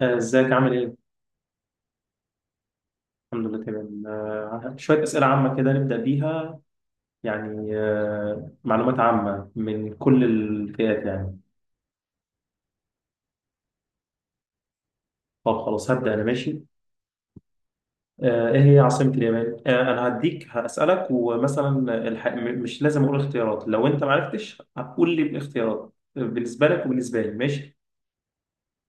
ازيك عامل ايه؟ الحمد لله تمام. شوية أسئلة عامة كده نبدأ بيها. يعني معلومات عامة من كل الفئات يعني. طب خلاص، هبدأ أنا ماشي. إيه هي عاصمة اليابان؟ أنا هديك هسألك ومثلا. مش لازم أقول اختيارات، لو أنت معرفتش هتقول لي الاختيارات بالنسبة لك وبالنسبة لي، ماشي؟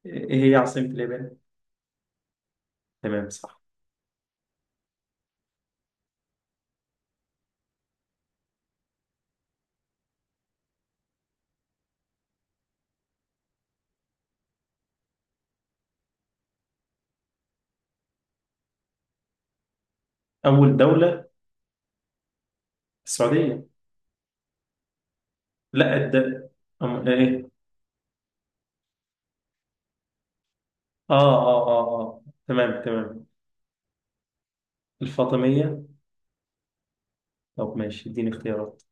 إيه هي عاصمة اليابان؟ تمام، صح. أول دولة، السعودية. لا، إيه؟ تمام، تمام. الفاطمية. طب ماشي، اديني اختيارات.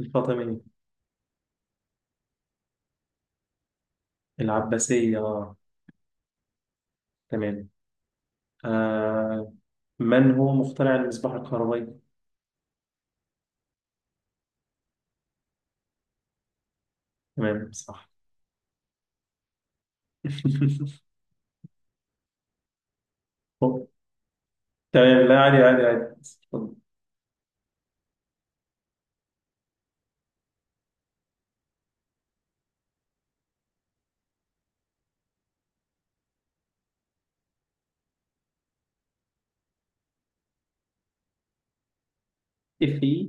الفاطمية. العباسية، تمام. آه من هو مخترع المصباح الكهربائي؟ تمام، صح. طب، تمام، لا، عادي عادي عادي، اتفضل. ايه،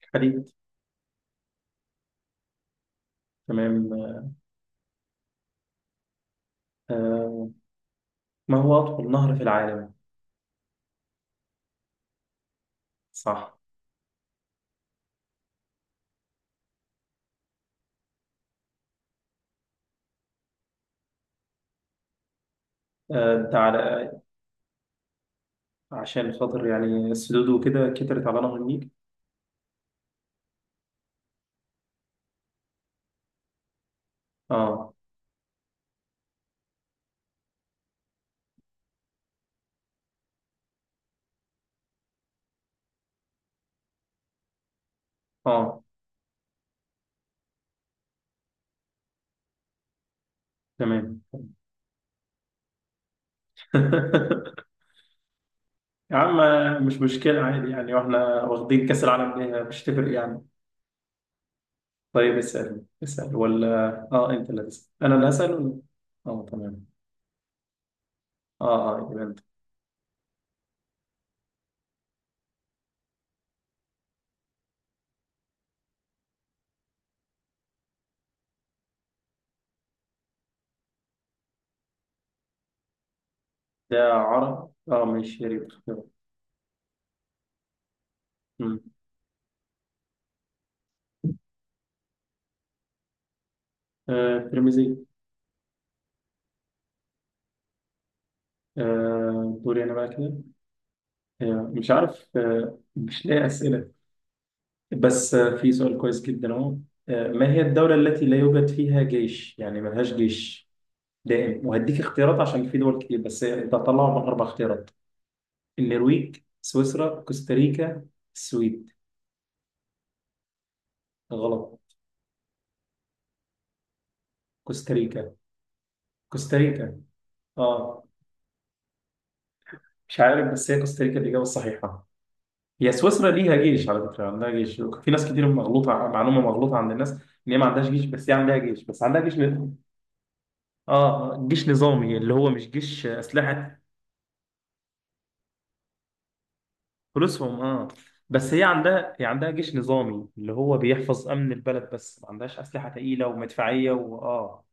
في حديد. تمام. آه ما هو أطول نهر في العالم؟ صح. انت على، عشان خاطر يعني السدود وكده كترت على نهر النيل. اه، اه، تمام. يا عم، مش مشكلة، عادي يعني، واحنا واخدين كأس العالم ليه، مش تفرق يعني. طيب، اسأل اسأل ولا؟ اه، انت اللي تسأل انا اللي هسأل ولا؟ اه، تمام. اه اه، يبقى انت. ده عرب، اه، ماشي يا ريت. أمم. ترمزي. دوري انا بقى كده. مش عارف، مش لاقي اسئلة. بس في سؤال كويس جدا اهو. ما هي الدولة التي لا يوجد فيها جيش، يعني ملهاش جيش دائم؟ وهديك اختيارات عشان في دول كتير، بس انت هتطلعهم من اربع اختيارات. النرويج، سويسرا، كوستاريكا، السويد. غلط. كوستاريكا. كوستاريكا، اه. مش عارف، بس هي كوستاريكا الإجابة الصحيحة. هي سويسرا ليها جيش على فكرة، عندها جيش، في ناس كتير مغلوطة، معلومة مغلوطة عند الناس إن هي ما عندهاش جيش، بس هي عندها جيش، بس عندها جيش جيش نظامي اللي هو مش جيش أسلحة. فلوسهم، اه. بس هي عندها، جيش نظامي اللي هو بيحفظ أمن البلد، بس ما عندهاش أسلحة تقيلة ومدفعية واه اه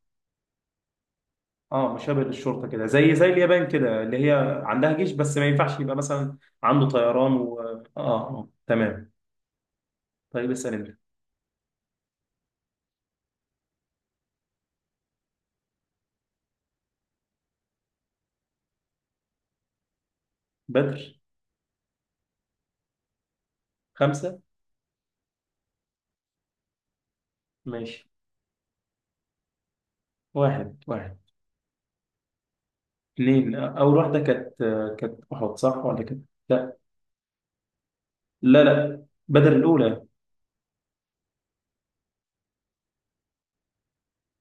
مشابه للشرطة كده، زي اليابان كده، اللي هي عندها جيش بس ما ينفعش يبقى مثلا عنده طيران و... اه تمام. طيب، اسأل انت. بدر، خمسة. ماشي. واحد، واحد، اثنين. أول واحدة كانت، كانت أحد صح ولا كانت، لا. لا لا، بدر الأولى.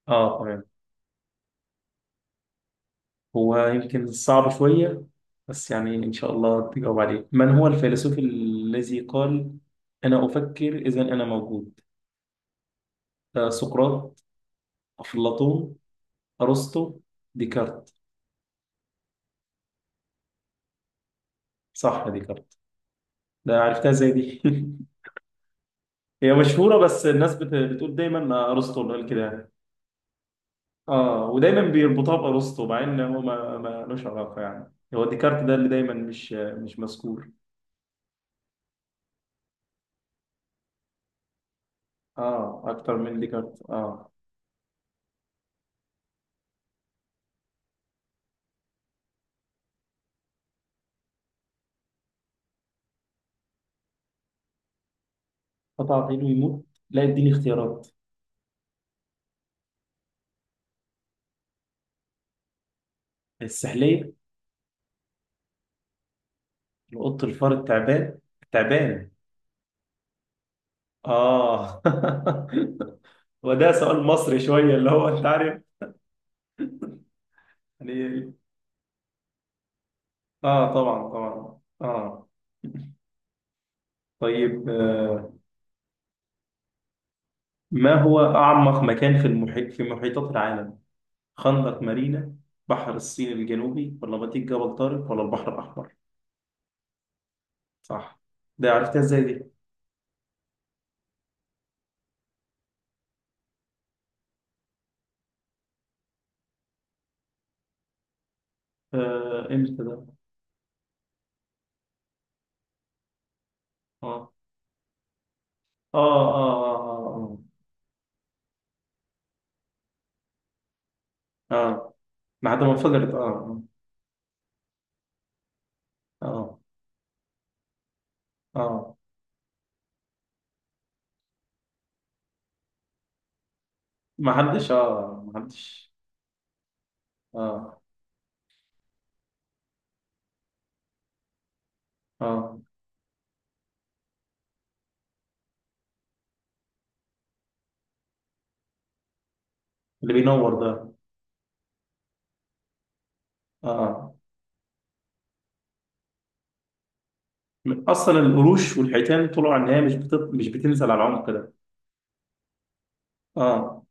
اه، تمام. هو يمكن صعب شوية، بس يعني إن شاء الله تجاوب عليه. من هو الفيلسوف الذي قال أنا أفكر إذا أنا موجود؟ سقراط، أفلاطون، أرسطو، ديكارت. صح، ديكارت. ده عرفتها زي دي هي مشهورة، بس الناس بتقول دايما أرسطو اللي قال كده يعني. اه، ودايما بيربطوها بارسطو مع ان هو ما لوش علاقه يعني، هو ديكارت ده اللي دايما مش مذكور. اه، اكتر من ديكارت، اه. قطع عينه يموت؟ لا، اديني اختيارات. السحليه. القط، الفار، التعبان. التعبان. اه وده سؤال مصري شويه، اللي هو انت عارف يعني إيه؟ اه طبعا، طبعا، اه. طيب ما هو اعمق مكان في المحيط، في محيطات العالم؟ خندق مارينا، بحر الصين الجنوبي، ولا بطيق جبل طارق، ولا البحر الأحمر؟ صح. ده عرفتها ازاي دي؟ امتى ده؟ اه، اه، اه، اه، اه، اه، آه. ما حد، ما انفجرت، اه. اه، اه، آه. ما حدش، اه، ما حدش. اه، اه، اللي بينور ده. اه. اصلا القروش والحيتان طلعوا ان هي مش بتنزل على العمق ده. اه،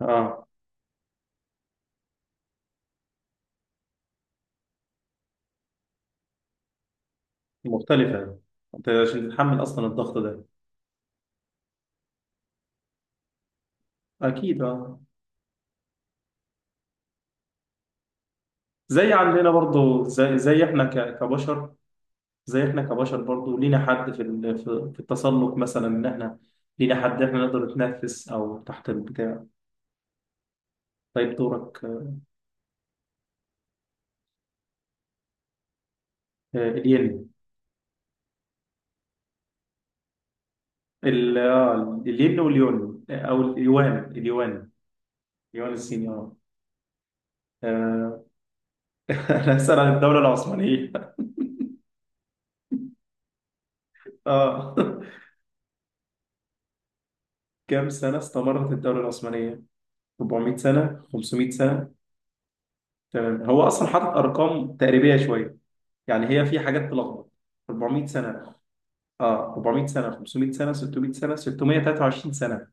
اه، مختلفة. انت عشان تتحمل اصلا الضغط ده، اكيد، اه. زي عندنا برضه، زي احنا كبشر. زي احنا كبشر برضه، لينا حد في ال- في في التسلق مثلا، ان احنا لينا حد احنا نقدر نتنفس او تحت البتاع. طيب، دورك. الين. الين واليون، او اليوان. اليوان. اليوان الصيني، اه. آه، انا هسأل عن الدولة العثمانية اه، كم سنة استمرت الدولة العثمانية؟ 400 سنة؟ 500 سنة؟ تمام، هو اصلا حاطط ارقام تقريبية شوية، يعني هي في حاجات تلخبط. 400 سنة. اه، 400 سنة، 500 سنة، 600 سنة، 623 سنة.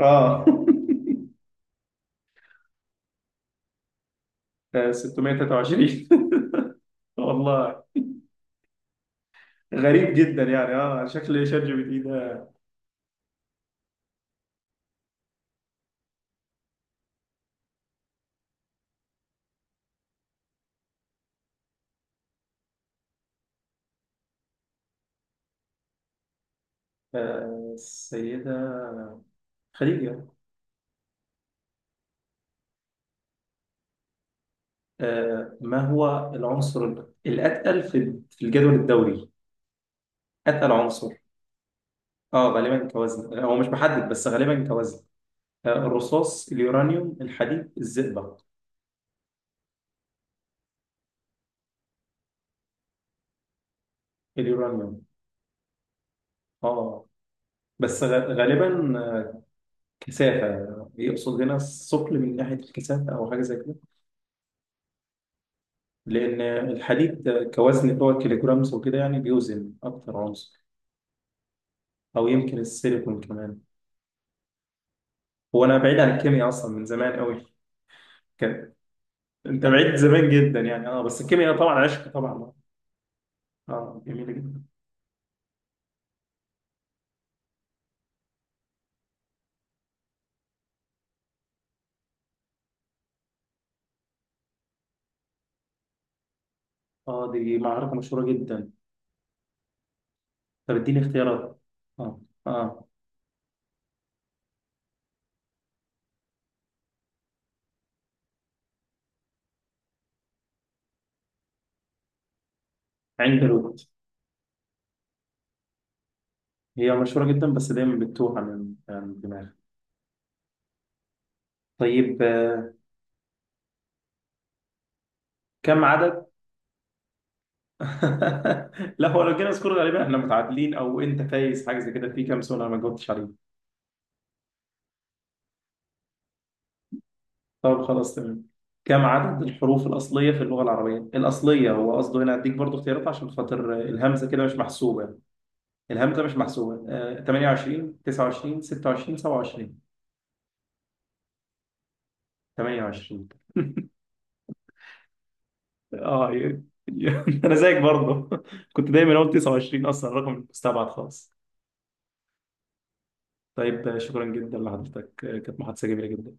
اه 623 والله، غريب جدا يعني، اه، شكل شات جي بي تي ده. السيدة خديجة. ما هو العنصر الأتقل في الجدول الدوري؟ أتقل عنصر. اه، غالبا كوزن. لا، هو مش محدد، بس غالبا كوزن. الرصاص، اليورانيوم، الحديد، الزئبق. اليورانيوم. اه، بس غالبا كثافة، يقصد هنا الثقل من ناحية الكثافة أو حاجة زي كده. لأن الحديد كوزن، هو الكيلوجرامز وكده، يعني بيوزن أكتر عنصر. أو يمكن السيليكون كمان. هو أنا بعيد عن الكيمياء أصلا من زمان أوي. كان أنت بعيد زمان جدا يعني، أه، بس الكيمياء طبعا عشق، طبعا أه. جميلة جدا. أه، دي معركة مشهورة جدا. طب اديني اختيارات. أه أه عند الوقت. هي مشهورة جدا، بس دايما بتتوه عن الدماغ. طيب كم عدد... لا، هو لو جينا سكور غالبا احنا متعادلين او انت فايز، حاجه زي كده، في كام سؤال انا ما جاوبتش عليه. طب خلاص، تمام. كم عدد الحروف الاصليه في اللغه العربيه؟ الاصليه هو قصده هنا. اديك برضو اختيارات عشان خاطر الهمزه كده مش محسوبه. الهمزه مش محسوبه. 28، 29، 26، 27. 28. اه، ي- انا زيك برضو كنت دايما اقول 29، اصلا رقم مستبعد خالص. طيب شكرا جدا لحضرتك، كانت محادثه جميله جدا.